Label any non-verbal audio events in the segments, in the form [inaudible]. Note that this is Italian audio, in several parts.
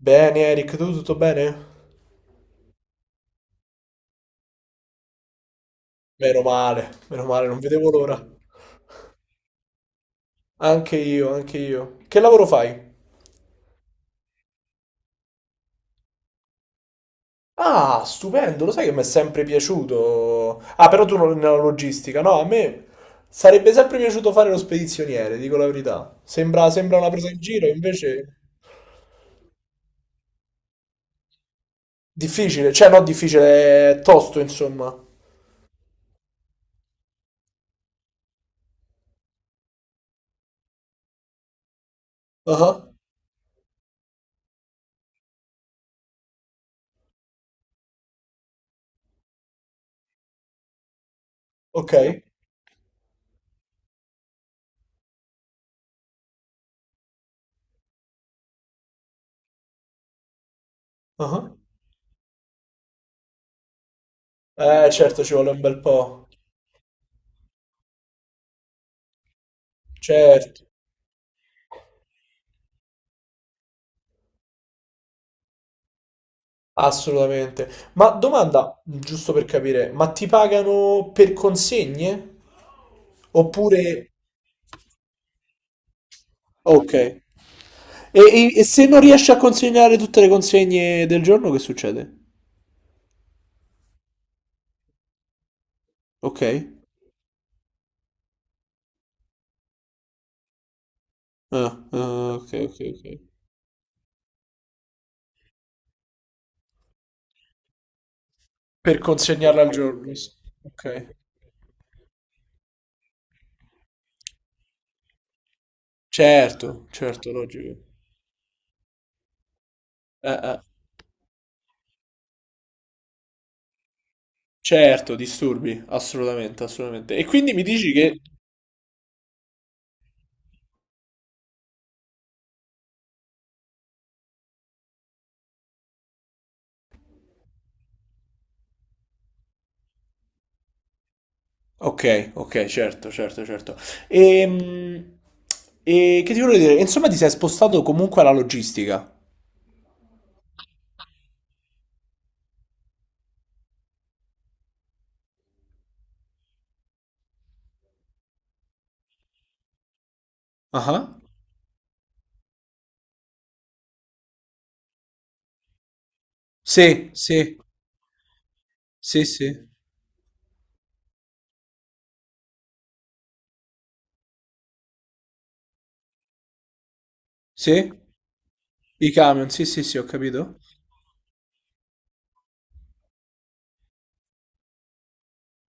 Bene Eric, tu tutto bene? Meno male, non vedevo l'ora. Anche io, anche io. Che lavoro fai? Ah, stupendo, lo sai che mi è sempre piaciuto. Ah, però tu non nella logistica, no? A me sarebbe sempre piaciuto fare lo spedizioniere, dico la verità. Sembra una presa in giro, invece difficile, cioè no, difficile, è tosto, insomma. Ah, ok. Ah. Certo, ci vuole un bel po'. Certo. Assolutamente. Ma domanda, giusto per capire, ma ti pagano per consegne? Oppure... Ok. E se non riesci a consegnare tutte le consegne del giorno, che succede? Ok. Ah, ah, ok, ok, ok. Per consegnarle al giorno. Ok. Certo, certo, logico. Eh. Certo, disturbi, assolutamente, assolutamente. E quindi mi dici che... Ok, ok, certo, certo, certo. Ehm, E, che ti volevo dire? Insomma, ti sei spostato comunque alla logistica. Ah, sì, sì, sì, sì, sì, i camion, sì, sì, sì, ho capito.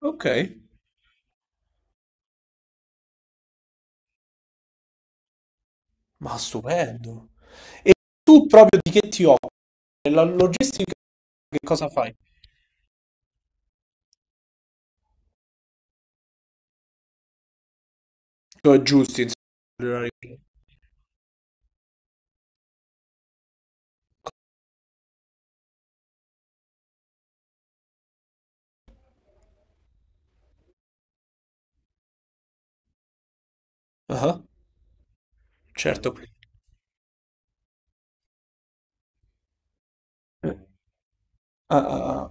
Ok, ma stupendo. E tu proprio di che ti occupi? La logistica che cosa fai? Tu aggiusti, insomma. Ah, certo. Eh, ah, ah, ah.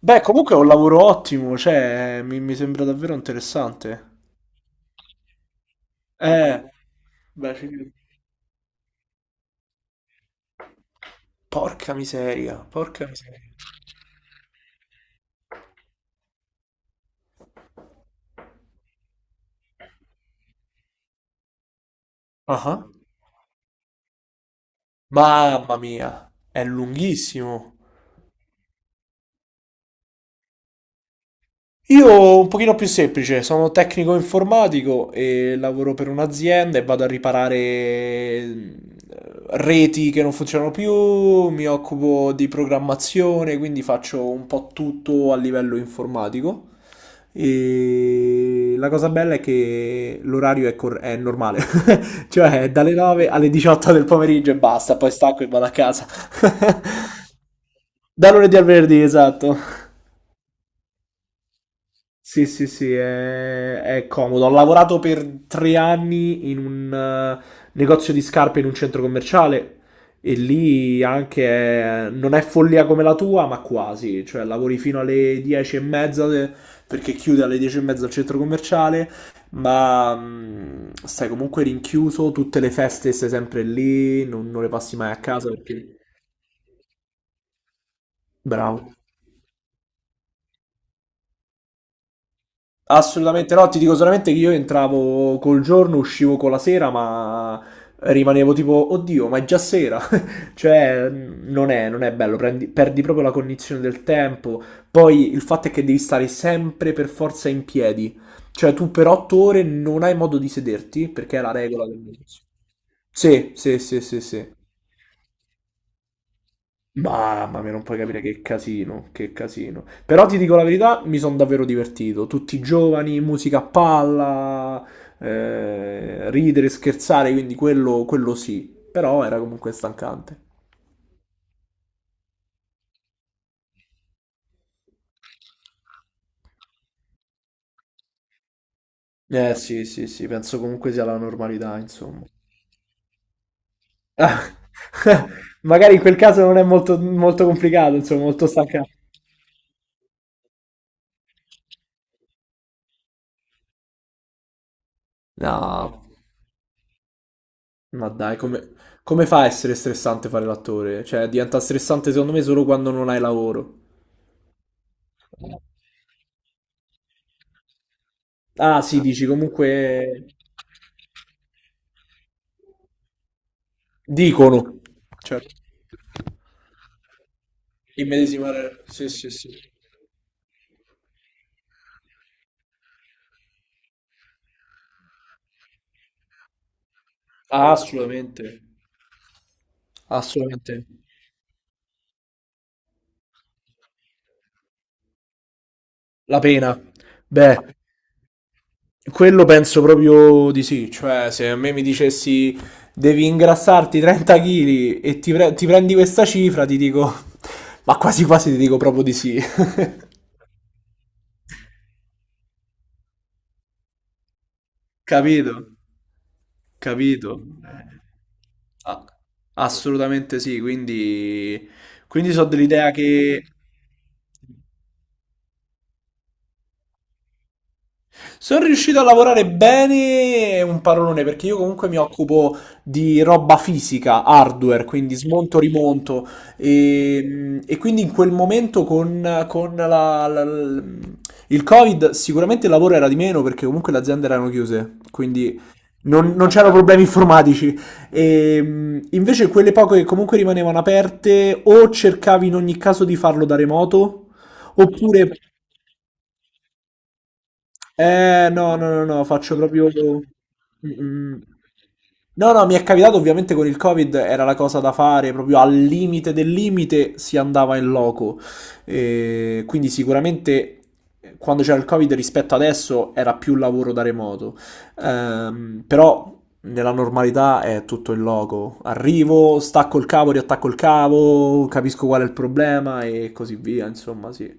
Beh, comunque è un lavoro ottimo, cioè, mi sembra davvero interessante. Eh, beh, sì. Porca miseria, porca miseria. Ah, mamma mia, è lunghissimo. Io un pochino più semplice, sono tecnico informatico e lavoro per un'azienda e vado a riparare reti che non funzionano più, mi occupo di programmazione, quindi faccio un po' tutto a livello informatico. E la cosa bella è che l'orario è normale, [laughs] cioè è dalle 9 alle 18 del pomeriggio e basta, poi stacco e vado a casa. [laughs] Da lunedì al venerdì, esatto. Sì, sì, sì, è comodo. Ho lavorato per 3 anni in un negozio di scarpe in un centro commerciale e lì anche non è follia come la tua, ma quasi. Cioè, lavori fino alle 10 e mezza perché chiude alle 10 e mezza il centro commerciale, ma stai comunque rinchiuso, tutte le feste stai sempre lì, non le passi mai a casa perché... Bravo. Assolutamente no, ti dico solamente che io entravo col giorno, uscivo con la sera, ma rimanevo tipo, oddio, ma è già sera. [laughs] Cioè, non è bello, perdi proprio la cognizione del tempo. Poi il fatto è che devi stare sempre per forza in piedi. Cioè, tu per 8 ore non hai modo di sederti, perché è la regola del... Sì, sì, sì, sì, sì. Mamma mia, non puoi capire che casino, che casino. Però ti dico la verità, mi sono davvero divertito. Tutti giovani, musica a palla, ridere, scherzare, quindi quello sì. Però era comunque stancante. Eh sì, sì, sì, penso comunque sia la normalità, insomma. [laughs] Magari in quel caso non è molto, molto complicato, insomma, molto stancante. No, ma dai, come fa a essere stressante fare l'attore? Cioè, diventa stressante secondo me solo quando non hai lavoro. Ah, sì, dici comunque. Dicono. Certo. Immedesimare. Sì, sì, sì. Ah, assolutamente. Assolutamente. La pena. Beh, quello penso proprio di sì. Cioè, se a me mi dicessi devi ingrassarti 30 kg e ti prendi questa cifra, ti dico, [laughs] ma quasi quasi ti dico proprio di sì. [laughs] Capito? Capito? Ah, sì. Assolutamente sì, quindi so dell'idea che... Sono riuscito a lavorare bene, è un parolone, perché io comunque mi occupo di roba fisica, hardware, quindi smonto, rimonto, e quindi in quel momento con, con la- la- la- il Covid sicuramente il lavoro era di meno perché comunque le aziende erano chiuse, quindi non c'erano problemi informatici. E, invece quelle poche che comunque rimanevano aperte o cercavi in ogni caso di farlo da remoto oppure no, no, no, no, faccio proprio... Mm, mm. No, no, mi è capitato ovviamente con il Covid, era la cosa da fare, proprio al limite del limite si andava in loco. Quindi sicuramente quando c'era il Covid rispetto adesso era più lavoro da remoto. Però nella normalità è tutto in loco. Arrivo, stacco il cavo, riattacco il cavo, capisco qual è il problema e così via, insomma, sì.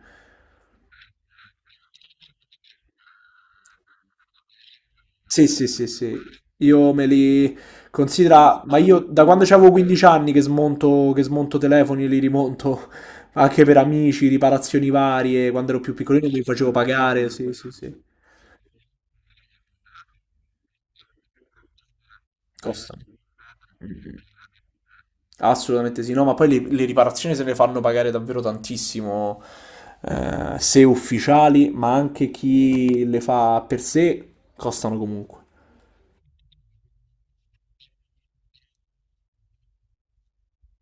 Sì, sì, sì, sì. Io me li considera, ma io da quando avevo 15 anni che smonto telefoni e li rimonto [laughs] anche per amici, riparazioni varie. Quando ero più piccolino me li facevo pagare. Sì, sì, sì. Costano. Assolutamente sì, no, ma poi le riparazioni se ne fanno pagare davvero tantissimo, se ufficiali, ma anche chi le fa per sé, costano comunque.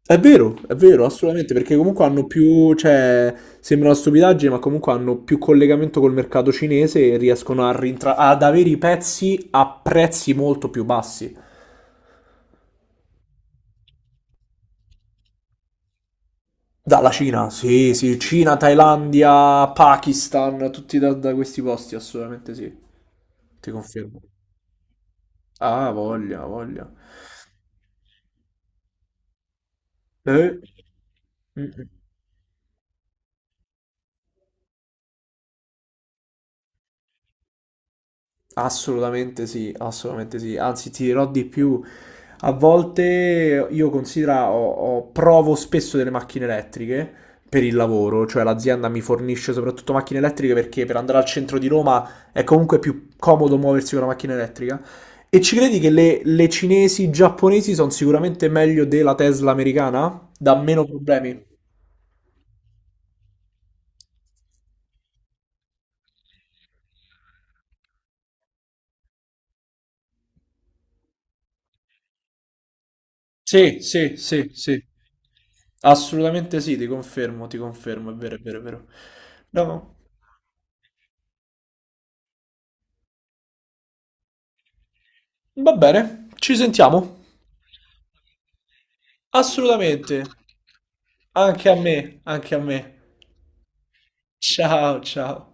È vero, assolutamente, perché comunque hanno più, cioè, sembra una stupidaggine, ma comunque hanno più collegamento col mercato cinese e riescono a ad avere i pezzi a prezzi molto più bassi. Dalla Cina, sì, sì, Cina, Thailandia, Pakistan, tutti da questi posti, assolutamente sì. Ti confermo. Ah, voglia, voglia. Eh. Mm, mm. Assolutamente sì, assolutamente sì. Anzi, ti dirò di più. A volte io considera, provo spesso delle macchine elettriche per il lavoro, cioè l'azienda mi fornisce soprattutto macchine elettriche perché per andare al centro di Roma è comunque più comodo muoversi con una macchina elettrica. E ci credi che le cinesi, giapponesi sono sicuramente meglio della Tesla americana? Dà meno problemi? Sì, sì, sì, sì. Assolutamente sì, ti confermo, è vero, è vero, è vero. No. Va bene, ci sentiamo. Assolutamente. Anche a me, anche a me. Ciao, ciao.